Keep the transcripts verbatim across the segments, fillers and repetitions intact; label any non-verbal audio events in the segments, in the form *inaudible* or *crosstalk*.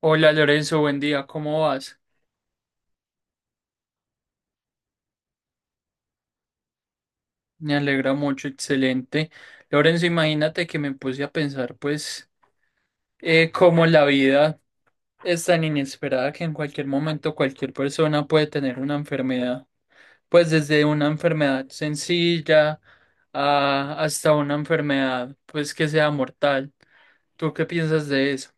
Hola Lorenzo, buen día, ¿cómo vas? Me alegra mucho, excelente. Lorenzo, imagínate que me puse a pensar, pues, eh, cómo la vida es tan inesperada que en cualquier momento cualquier persona puede tener una enfermedad. Pues desde una enfermedad sencilla a- hasta una enfermedad, pues, que sea mortal. ¿Tú qué piensas de eso?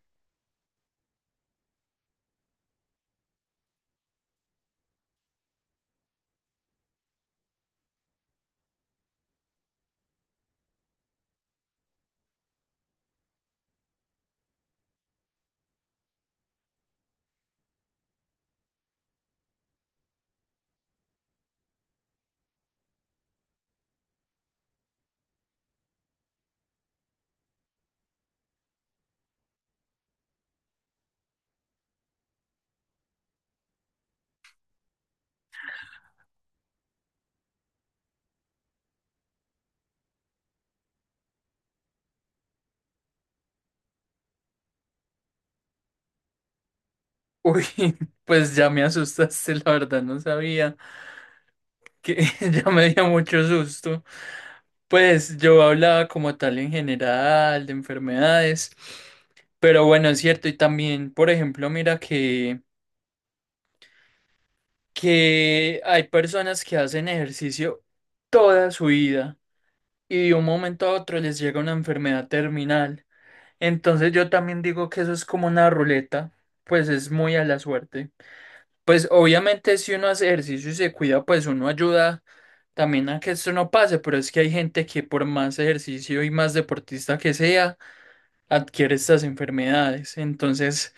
Uy, *laughs* pues ya me asustaste, la verdad, no sabía que *laughs* Ya me dio mucho susto. Pues yo hablaba como tal en general de enfermedades, pero bueno, es cierto, y también, por ejemplo, mira que, que hay personas que hacen ejercicio toda su vida y de un momento a otro les llega una enfermedad terminal. Entonces yo también digo que eso es como una ruleta, pues es muy a la suerte. Pues obviamente si uno hace ejercicio y se cuida, pues uno ayuda también a que esto no pase, pero es que hay gente que por más ejercicio y más deportista que sea, adquiere estas enfermedades. Entonces,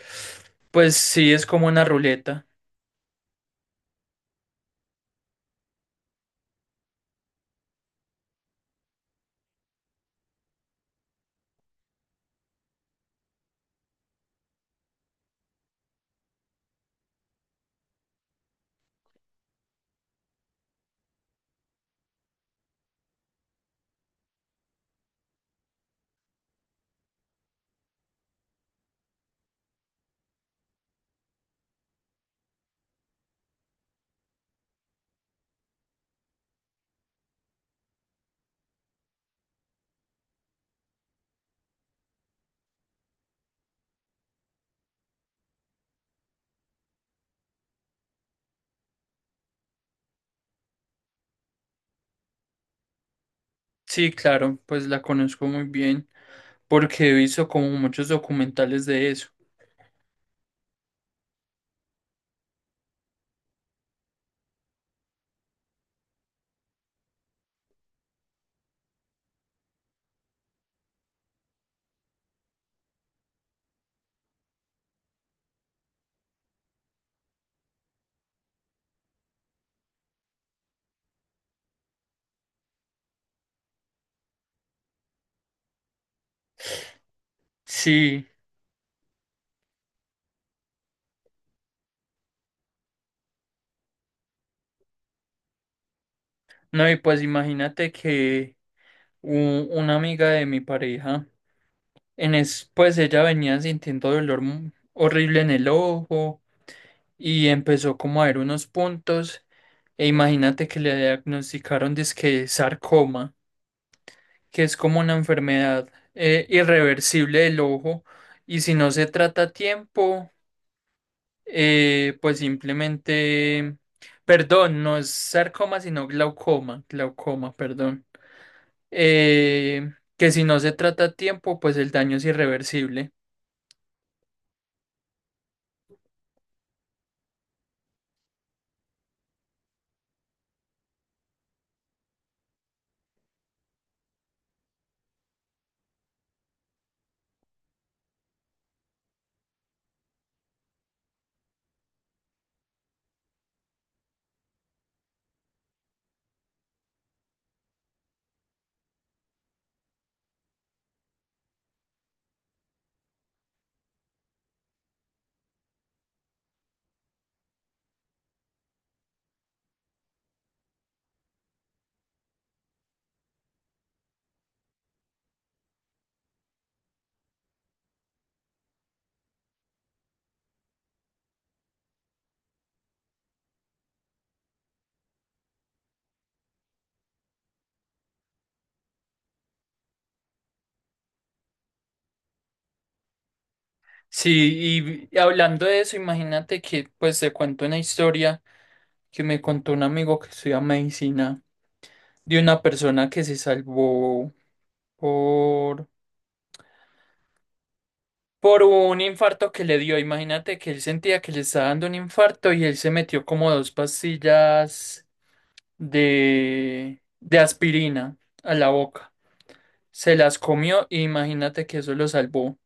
pues sí es como una ruleta. Sí, claro, pues la conozco muy bien porque he visto como muchos documentales de eso. Sí, no, y pues imagínate que u- una amiga de mi pareja, en es, pues ella venía sintiendo dolor mu- horrible en el ojo y empezó como a ver unos puntos e imagínate que le diagnosticaron dizque sarcoma, que es como una enfermedad eh, irreversible del ojo, y si no se trata a tiempo Eh, pues simplemente, perdón, no es sarcoma, sino glaucoma, glaucoma, perdón. Eh, que si no se trata a tiempo, pues el daño es irreversible. Sí, y hablando de eso, imagínate que pues te cuento una historia que me contó un amigo que estudia medicina, de una persona que se salvó por por un infarto que le dio. Imagínate que él sentía que le estaba dando un infarto y él se metió como dos pastillas de, de aspirina a la boca. Se las comió y imagínate que eso lo salvó.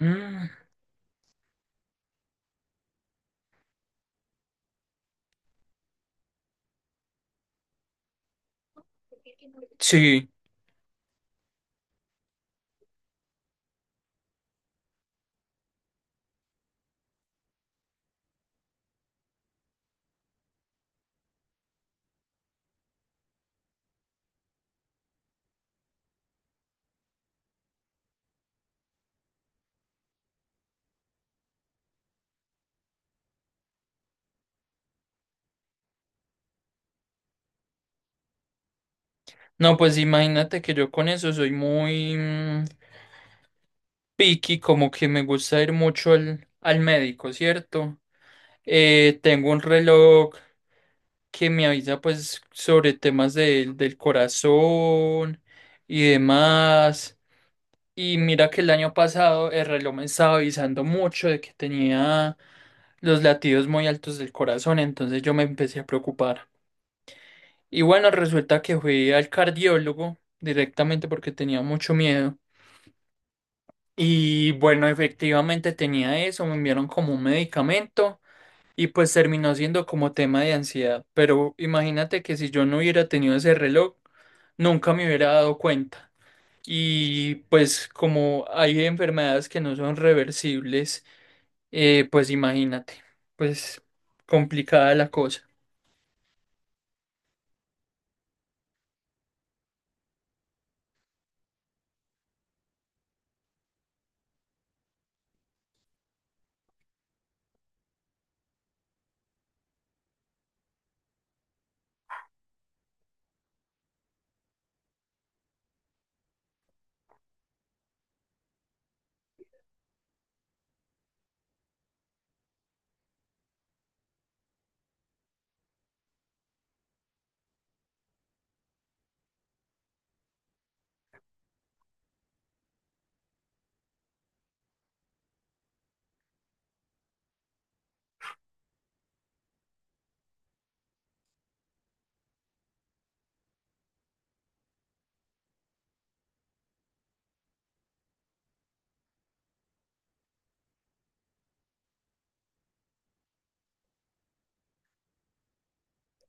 Mm, sí, no, pues imagínate que yo con eso soy muy... mm, picky, como que me gusta ir mucho al, al médico, ¿cierto? Eh, tengo un reloj que me avisa pues sobre temas del del corazón y demás. Y mira que el año pasado el reloj me estaba avisando mucho de que tenía los latidos muy altos del corazón, entonces yo me empecé a preocupar. Y bueno, resulta que fui al cardiólogo directamente porque tenía mucho miedo. Y bueno, efectivamente tenía eso, me enviaron como un medicamento y pues terminó siendo como tema de ansiedad. Pero imagínate que si yo no hubiera tenido ese reloj, nunca me hubiera dado cuenta. Y pues como hay enfermedades que no son reversibles, eh, pues imagínate, pues complicada la cosa.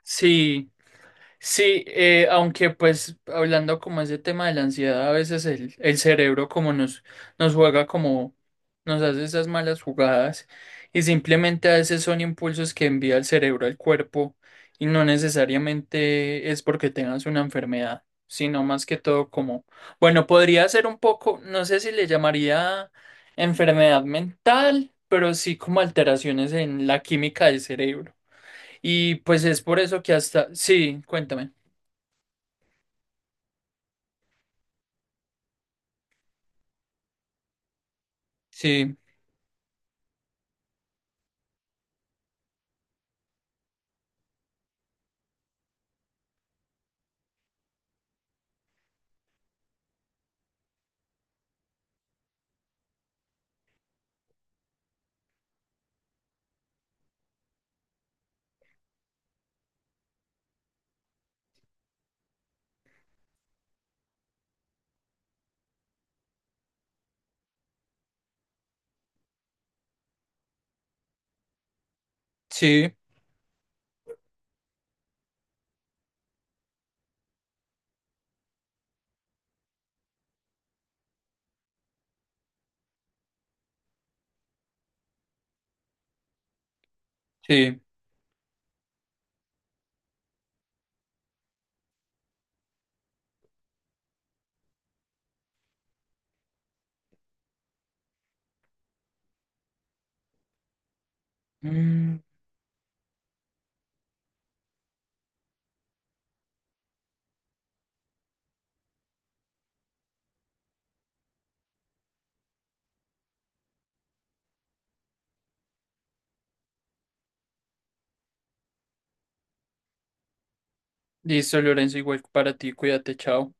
Sí. Sí, eh, aunque pues hablando como ese tema de la ansiedad, a veces el, el cerebro como nos, nos juega como, nos hace esas malas jugadas, y simplemente a veces son impulsos que envía el cerebro al cuerpo y no necesariamente es porque tengas una enfermedad, sino más que todo como, bueno, podría ser un poco, no sé si le llamaría enfermedad mental, pero sí como alteraciones en la química del cerebro. Y pues es por eso que hasta, sí, cuéntame. Sí, sí, sí. Mm, listo, Lorenzo, igual para ti, cuídate, chao.